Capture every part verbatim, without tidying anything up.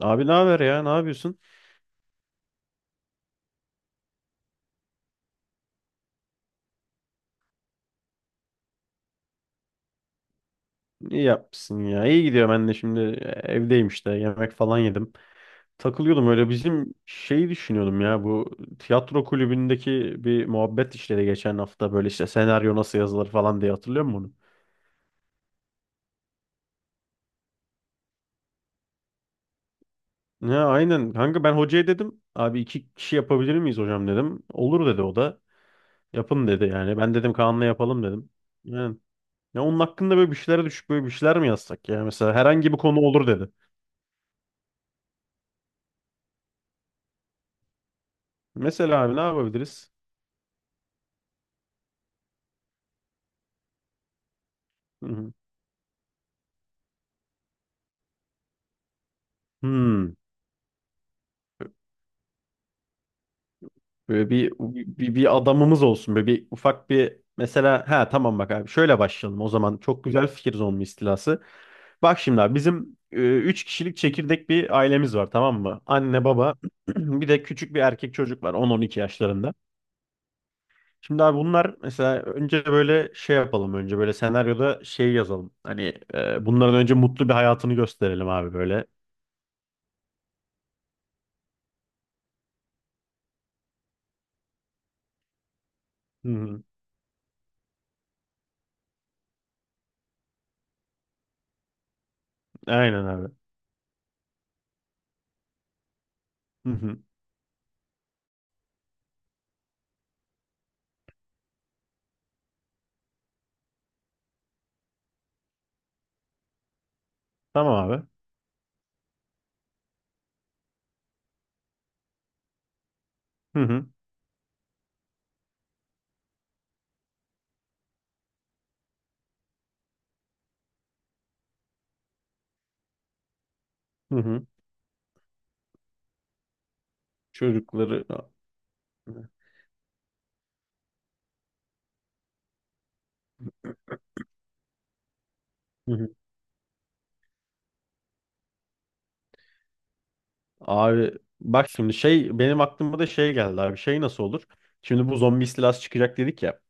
Abi ne haber ya? Ne yapıyorsun? İyi yapmışsın ya. İyi gidiyor ben de şimdi e, evdeyim işte. Yemek falan yedim. Takılıyordum öyle bizim şeyi düşünüyordum ya. Bu tiyatro kulübündeki bir muhabbet işleri geçen hafta böyle işte senaryo nasıl yazılır falan diye hatırlıyor musun bunu? Ha, aynen. Kanka ben hocaya dedim. Abi iki kişi yapabilir miyiz hocam dedim. Olur dedi o da. Yapın dedi yani. Ben dedim Kaan'la yapalım dedim. Yani. Ya onun hakkında böyle bir şeylere düşüp böyle bir şeyler mi yazsak ya? Mesela herhangi bir konu olur dedi. Mesela abi ne yapabiliriz? Hmm. Böyle bir, bir, bir adamımız olsun. Böyle bir ufak bir mesela ha tamam bak abi şöyle başlayalım o zaman. Çok güzel fikir zombi istilası. Bak şimdi abi bizim e, üç kişilik çekirdek bir ailemiz var tamam mı? Anne baba bir de küçük bir erkek çocuk var on on iki yaşlarında. Şimdi abi bunlar mesela önce böyle şey yapalım önce böyle senaryoda şey yazalım. Hani e, bunların önce mutlu bir hayatını gösterelim abi böyle. Hı hı. Aynen abi. Hı hı. Tamam abi. Hı hı. Hı hı. Çocukları. Hı hı. Abi bak şimdi şey benim aklıma da şey geldi abi şey nasıl olur? Şimdi bu zombi istilası çıkacak dedik ya.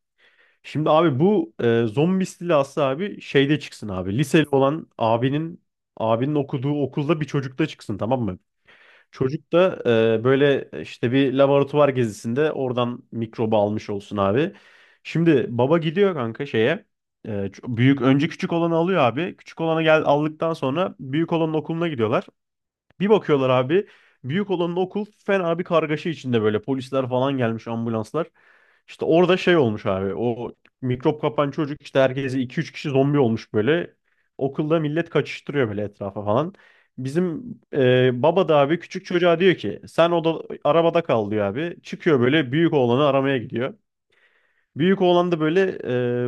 Şimdi abi bu e, zombi istilası abi şeyde çıksın abi. Liseli olan abinin abinin okuduğu okulda bir çocukta çıksın tamam mı? Çocuk da e, böyle işte bir laboratuvar gezisinde oradan mikrobu almış olsun abi. Şimdi baba gidiyor kanka şeye. E, ç- büyük önce küçük olanı alıyor abi. Küçük olanı gel aldıktan sonra büyük olanın okuluna gidiyorlar. Bir bakıyorlar abi. Büyük olanın okul fena bir kargaşa içinde böyle polisler falan gelmiş ambulanslar. İşte orada şey olmuş abi. O mikrop kapan çocuk işte herkese iki üç kişi zombi olmuş böyle. Okulda millet kaçıştırıyor böyle etrafa falan. Bizim e, baba da abi küçük çocuğa diyor ki sen oda arabada kal diyor abi. Çıkıyor böyle büyük oğlanı aramaya gidiyor. Büyük oğlan da böyle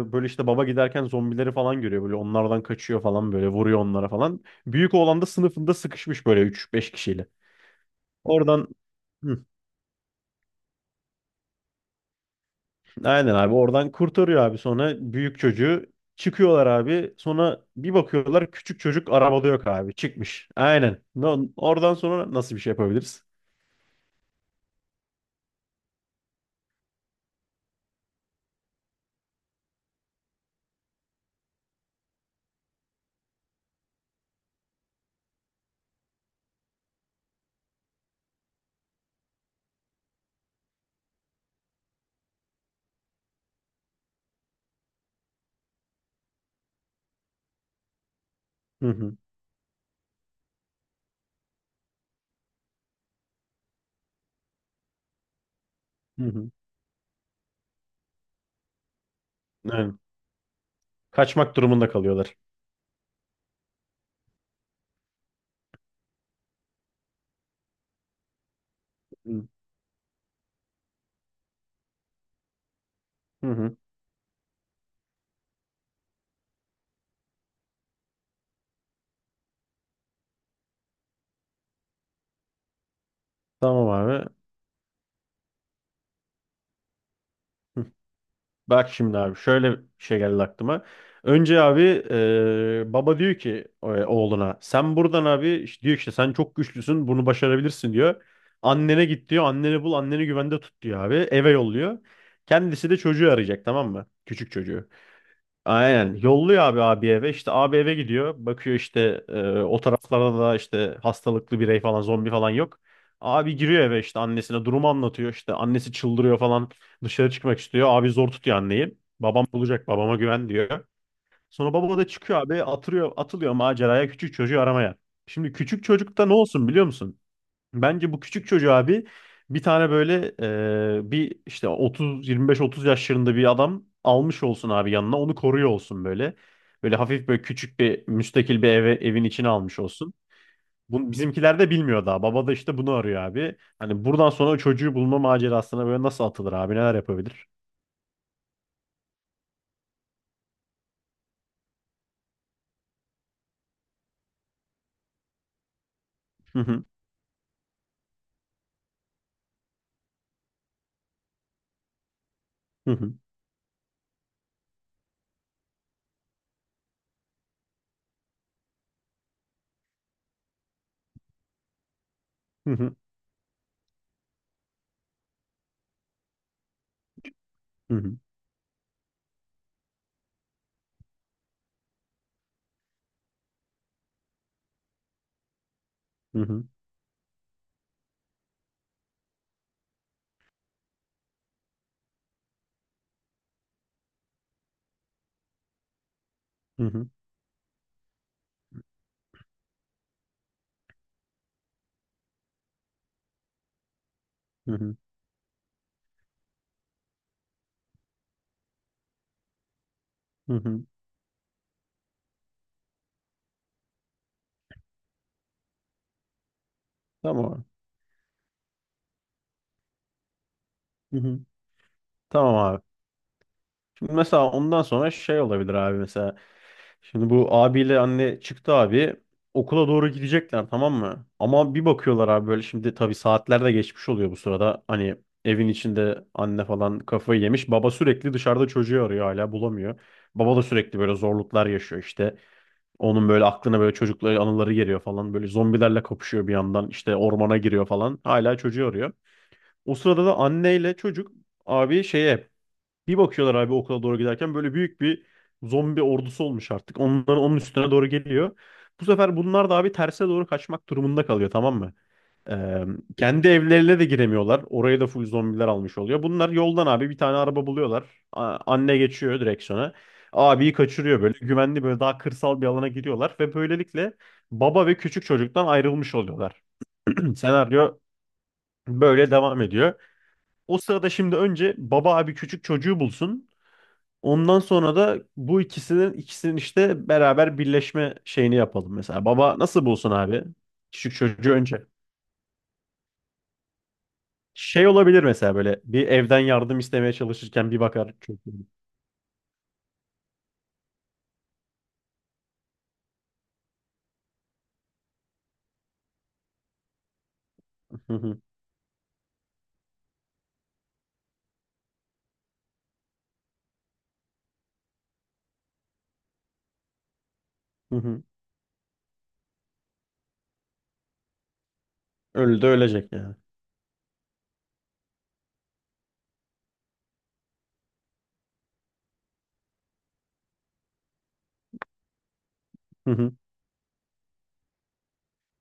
e, böyle işte baba giderken zombileri falan görüyor böyle onlardan kaçıyor falan böyle vuruyor onlara falan. Büyük oğlan da sınıfında sıkışmış böyle üç beş kişiyle. Oradan. Hı, aynen abi oradan kurtarıyor abi sonra büyük çocuğu çıkıyorlar abi sonra bir bakıyorlar küçük çocuk arabada yok abi çıkmış. Aynen. No- Oradan sonra nasıl bir şey yapabiliriz? Hı hı. Hı hı. Aynen. Kaçmak durumunda kalıyorlar. Hı hı. Tamam abi. Bak şimdi abi şöyle bir şey geldi aklıma. Önce abi e, baba diyor ki e, oğluna sen buradan abi işte diyor işte sen çok güçlüsün bunu başarabilirsin diyor. Annene git diyor anneni bul anneni güvende tut diyor abi eve yolluyor. Kendisi de çocuğu arayacak tamam mı? Küçük çocuğu. Aynen. Yolluyor abi abi eve. İşte abi eve gidiyor. Bakıyor işte e, o taraflarda da işte hastalıklı birey falan zombi falan yok. Abi giriyor eve işte annesine durumu anlatıyor. İşte annesi çıldırıyor falan. Dışarı çıkmak istiyor. Abi zor tutuyor anneyi. Babam bulacak babama güven diyor. Sonra baba da çıkıyor abi atılıyor atılıyor maceraya küçük çocuğu aramaya. Şimdi küçük çocukta ne olsun biliyor musun? Bence bu küçük çocuğu abi bir tane böyle e, bir işte otuz yirmi beş, otuz yaşlarında bir adam almış olsun abi yanına onu koruyor olsun böyle. Böyle hafif böyle küçük bir müstakil bir eve, evin içine almış olsun. Bunu, bizimkiler de bilmiyor daha. Baba da işte bunu arıyor abi. Hani buradan sonra o çocuğu bulma macerasına böyle nasıl atılır abi neler yapabilir? Hı hı hı hı hı hı hı hı hı hı hı hı hı. Tamam abi. Hı hı. Tamam abi. Şimdi mesela ondan sonra şey olabilir abi mesela. Şimdi bu abiyle anne çıktı abi. Okula doğru gidecekler tamam mı? Ama bir bakıyorlar abi böyle şimdi tabii saatler de geçmiş oluyor bu sırada. Hani evin içinde anne falan kafayı yemiş. Baba sürekli dışarıda çocuğu arıyor hala bulamıyor. Baba da sürekli böyle zorluklar yaşıyor işte. Onun böyle aklına böyle çocukları anıları geliyor falan. Böyle zombilerle kapışıyor bir yandan. İşte ormana giriyor falan. Hala çocuğu arıyor. O sırada da anneyle çocuk abi şeye bir bakıyorlar abi okula doğru giderken böyle büyük bir zombi ordusu olmuş artık. Onların onun üstüne doğru geliyor. Bu sefer bunlar da abi terse doğru kaçmak durumunda kalıyor tamam mı? Ee, kendi evlerine de giremiyorlar. Oraya da full zombiler almış oluyor. Bunlar yoldan abi bir tane araba buluyorlar. A- anne geçiyor direksiyona. Abiyi kaçırıyor böyle. Güvenli böyle daha kırsal bir alana giriyorlar ve böylelikle baba ve küçük çocuktan ayrılmış oluyorlar. Senaryo böyle devam ediyor. O sırada şimdi önce baba abi küçük çocuğu bulsun. Ondan sonra da bu ikisinin ikisinin işte beraber birleşme şeyini yapalım mesela. Baba nasıl bulsun abi? Küçük çocuğu önce. Şey olabilir mesela böyle bir evden yardım istemeye çalışırken bir bakar çocuğu. Hı hı, hı hı. Öldü de ölecek yani. Hı hı,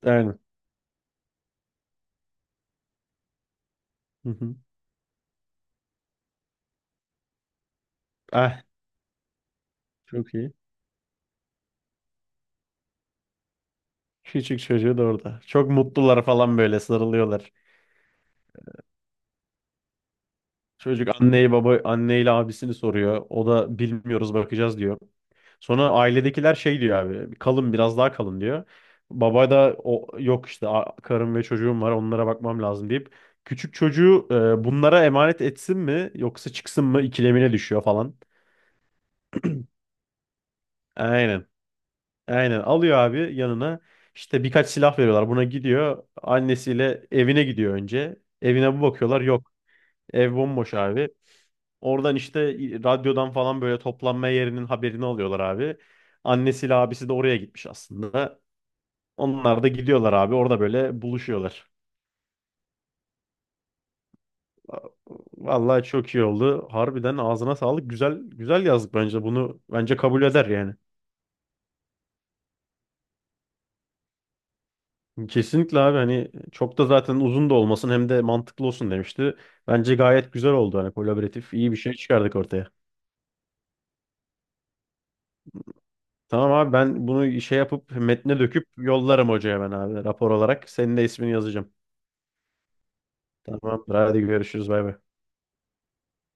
aynen. Hı hı. Ah, çok iyi. Küçük çocuğu da orada. Çok mutlular falan böyle sarılıyorlar. Çocuk anneyi baba anneyle abisini soruyor. O da bilmiyoruz bakacağız diyor. Sonra ailedekiler şey diyor abi. Kalın biraz daha kalın diyor. Baba da o yok işte a- karım ve çocuğum var onlara bakmam lazım deyip küçük çocuğu e, bunlara emanet etsin mi yoksa çıksın mı ikilemine düşüyor falan. Aynen. Aynen alıyor abi yanına. İşte birkaç silah veriyorlar. Buna gidiyor. Annesiyle evine gidiyor önce. Evine bu bakıyorlar. Yok. Ev bomboş abi. Oradan işte radyodan falan böyle toplanma yerinin haberini alıyorlar abi. Annesiyle abisi de oraya gitmiş aslında. Onlar da gidiyorlar abi. Orada böyle buluşuyorlar. Vallahi çok iyi oldu. Harbiden ağzına sağlık. Güzel güzel yazdık bence. Bunu bence kabul eder yani. Kesinlikle abi hani çok da zaten uzun da olmasın hem de mantıklı olsun demişti. Bence gayet güzel oldu hani kolaboratif iyi bir şey çıkardık ortaya. Tamam abi ben bunu şey yapıp metne döküp yollarım hocaya ben abi rapor olarak. Senin de ismini yazacağım. Tamamdır. Hadi görüşürüz. Bay bay.